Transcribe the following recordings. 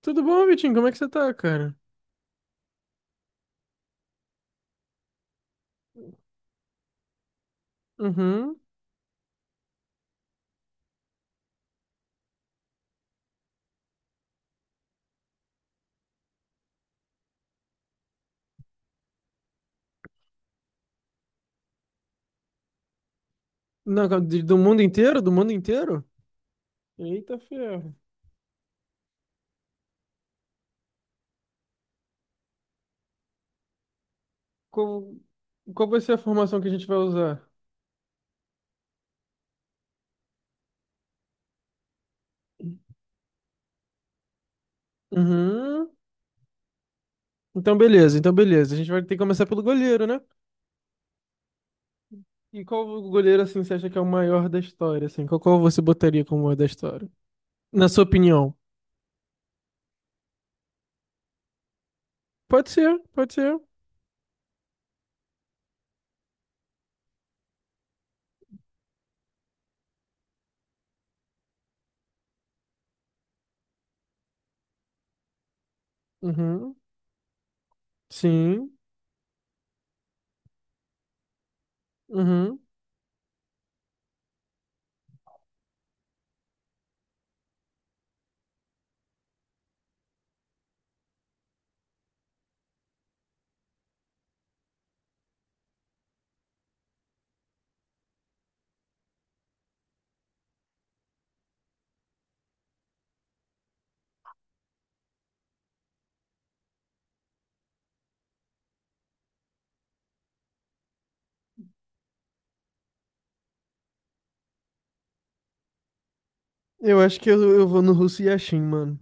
Tudo bom, Vitinho? Como é que você tá, cara? Uhum. Não, calma, do mundo inteiro? Do mundo inteiro? Eita ferro. Qual, qual vai ser a formação que a gente vai usar? Uhum. Então, beleza, então, beleza. A gente vai ter que começar pelo goleiro, né? E qual o goleiro, assim, você acha que é o maior da história, assim? Qual você botaria como maior da história? Na sua opinião? Pode ser, pode ser. Uhum. Sim. Uhum. Eu acho que eu vou no russo Yashin, mano.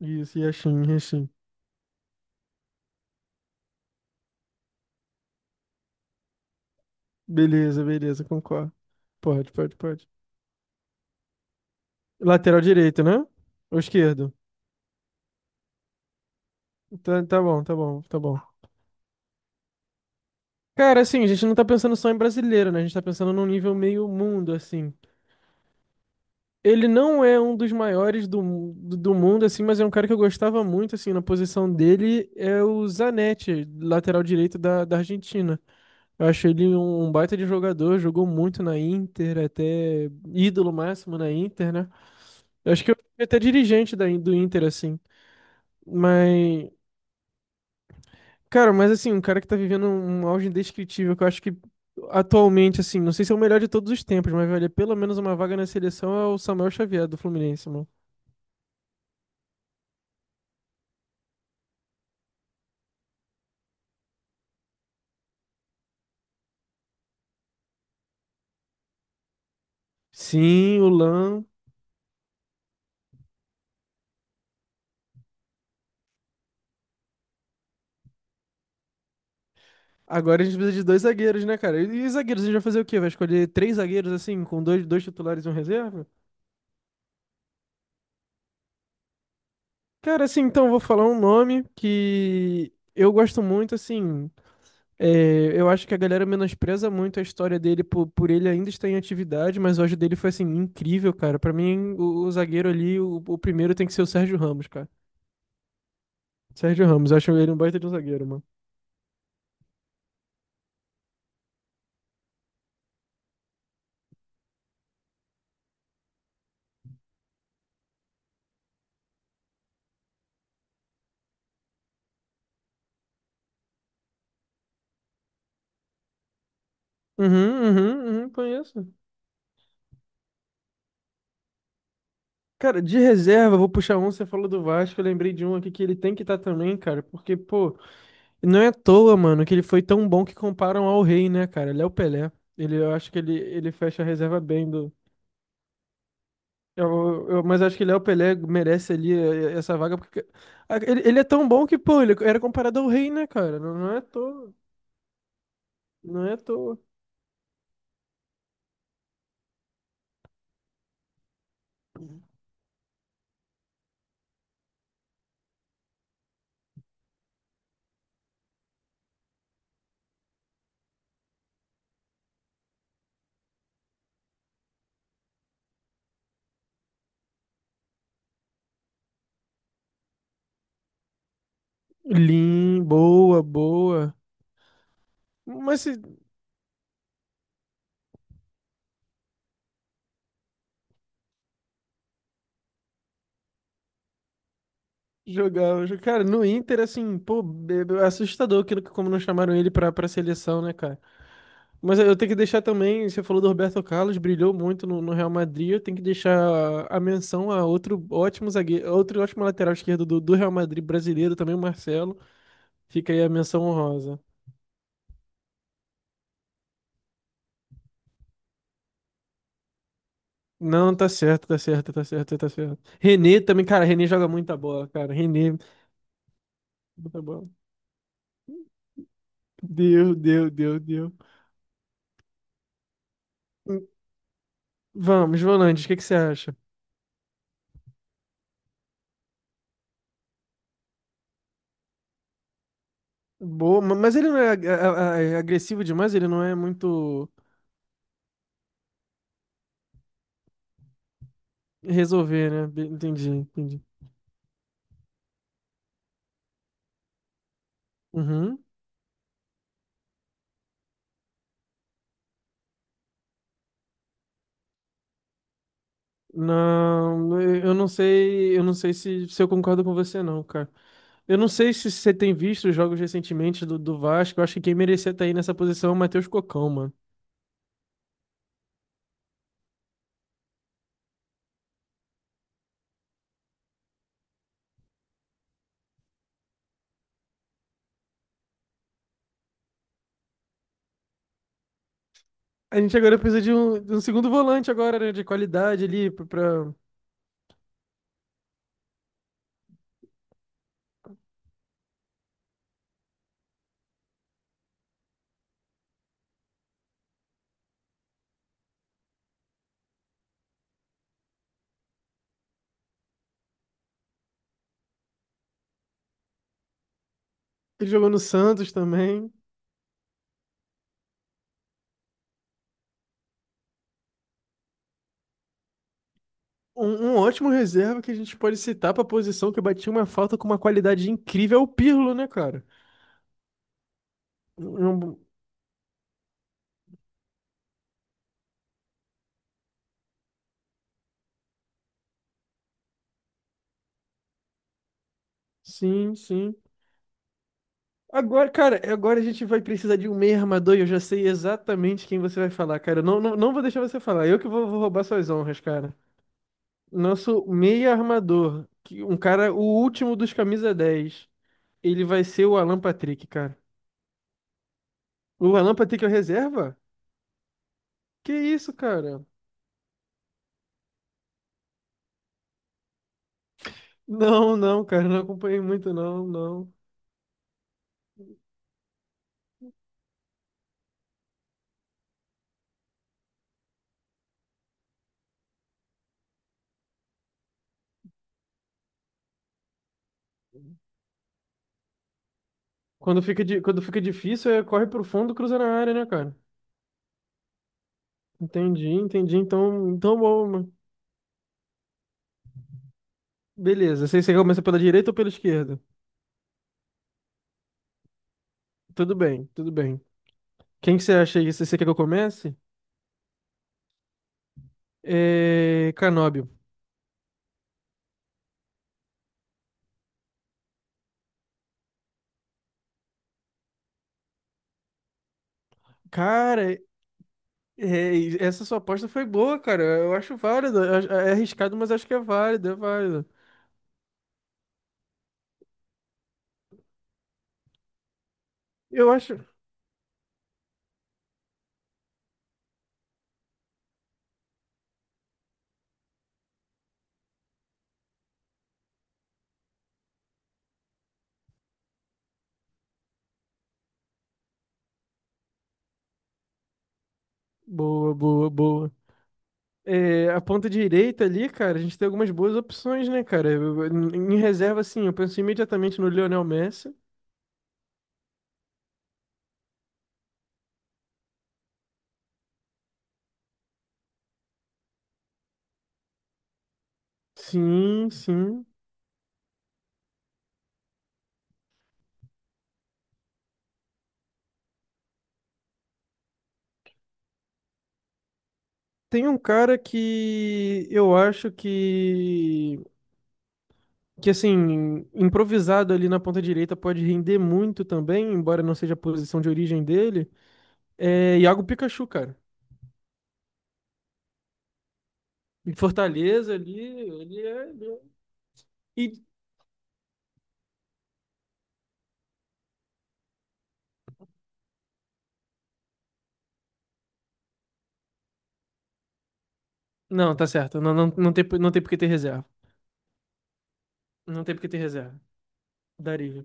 Isso, Yashin, Yashin. Beleza, beleza, concordo. Pode, pode, pode. Lateral direito, né? Ou esquerdo? Tá, tá bom, tá bom, tá bom. Cara, assim, a gente não tá pensando só em brasileiro, né? A gente tá pensando num nível meio mundo, assim. Ele não é um dos maiores do mundo, assim, mas é um cara que eu gostava muito, assim, na posição dele é o Zanetti, lateral direito da Argentina. Eu acho ele um baita de jogador, jogou muito na Inter, até ídolo máximo na Inter, né? Eu acho que eu fui até dirigente do Inter, assim. Mas Cara, mas assim, um cara que tá vivendo um auge indescritível, que eu acho que atualmente, assim, não sei se é o melhor de todos os tempos, mas vale pelo menos uma vaga na seleção é o Samuel Xavier do Fluminense, mano. Sim, o Lan. Agora a gente precisa de dois zagueiros, né, cara? E zagueiros, a gente vai fazer o quê? Vai escolher três zagueiros, assim, com dois titulares e um reserva? Cara, assim, então, eu vou falar um nome que eu gosto muito, assim. É, eu acho que a galera menospreza muito a história dele por ele ainda estar em atividade, mas o auge dele foi assim, incrível, cara. Pra mim, o zagueiro ali, o primeiro tem que ser o Sérgio Ramos, cara. Sérgio Ramos, eu acho ele um baita de um zagueiro, mano. Uhum, uhum, uhum, conheço. Cara, de reserva, vou puxar um, você falou do Vasco, eu lembrei de um aqui que ele tem que estar também, cara, porque, pô, não é à toa, mano, que ele foi tão bom que comparam ao rei, né, cara? Léo Pelé. Ele, eu acho que ele fecha a reserva bem. Mas acho que Léo Pelé merece ali essa vaga, porque ah, ele é tão bom que, pô, ele era comparado ao rei, né, cara? Não, não é à toa, não é à toa. Lim, boa, boa. Mas se cara, no Inter, assim, pô, assustador aquilo que como não chamaram ele pra seleção, né, cara? Mas eu tenho que deixar também, você falou do Roberto Carlos, brilhou muito no Real Madrid, eu tenho que deixar a menção a outro ótimo zagueiro, outro ótimo lateral esquerdo do Real Madrid brasileiro também, o Marcelo. Fica aí a menção honrosa. Não, tá certo, tá certo, tá certo, tá certo. René também, cara, René joga muita bola, cara. René, muita bola. Deu, deu, deu, deu. Hum, Vamos, Volandes, o que que você acha? Boa, mas ele não é agressivo demais, ele não é muito resolver, né? Entendi, entendi. Uhum. Não, eu não sei se eu concordo com você, não, cara. Eu não sei se você tem visto os jogos recentemente do Vasco. Eu acho que quem merecia estar aí nessa posição é o Matheus Cocão, mano. A gente agora precisa de um segundo volante agora, né, de qualidade ali pra... pra... Ele jogou no Santos também. Um ótimo reserva que a gente pode citar pra posição que batia uma falta com uma qualidade incrível é o Pirlo, né, cara? Um- um- Sim, sim. Agora, cara, agora a gente vai precisar de um meio armador e eu já sei exatamente quem você vai falar, cara. Eu Não, não, não vou deixar você falar. Eu que vou roubar suas honras, cara. Nosso meio armador, um cara, o último dos camisa dez, ele vai ser o Alan Patrick, cara. O Lampard tem que é reserva? Que isso, cara? Não, não, cara, não acompanhei muito, não, não. Quando fica difícil, é corre pro fundo, cruza na área, né, cara? Entendi, entendi. Então, então bom, mano. Beleza. Você começa pela direita ou pela esquerda? Tudo bem, tudo bem. Quem que você acha aí? Você quer que eu comece? É... Canóbio. Cara, é... essa sua aposta foi boa, cara. Eu acho válida. É, é arriscado, mas acho que é válido, é válido. Eu acho. Boa, boa, boa. É, a ponta direita ali, cara, a gente tem algumas boas opções, né, cara? Em reserva, assim, eu penso imediatamente no Lionel Messi. Sim, sim. Tem um cara que eu acho que assim, improvisado ali na ponta direita pode render muito também, embora não seja a posição de origem dele. É Iago Pikachu, cara. Em Fortaleza ali, ele é. Ele é... E... Não, tá certo. Não, não, não tem, não tem por que ter reserva. Não tem por que ter reserva. Daria.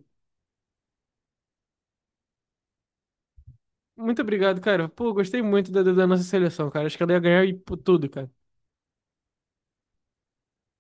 Muito obrigado, cara. Pô, gostei muito da nossa seleção, cara. Acho que ela ia ganhar e por tudo, cara.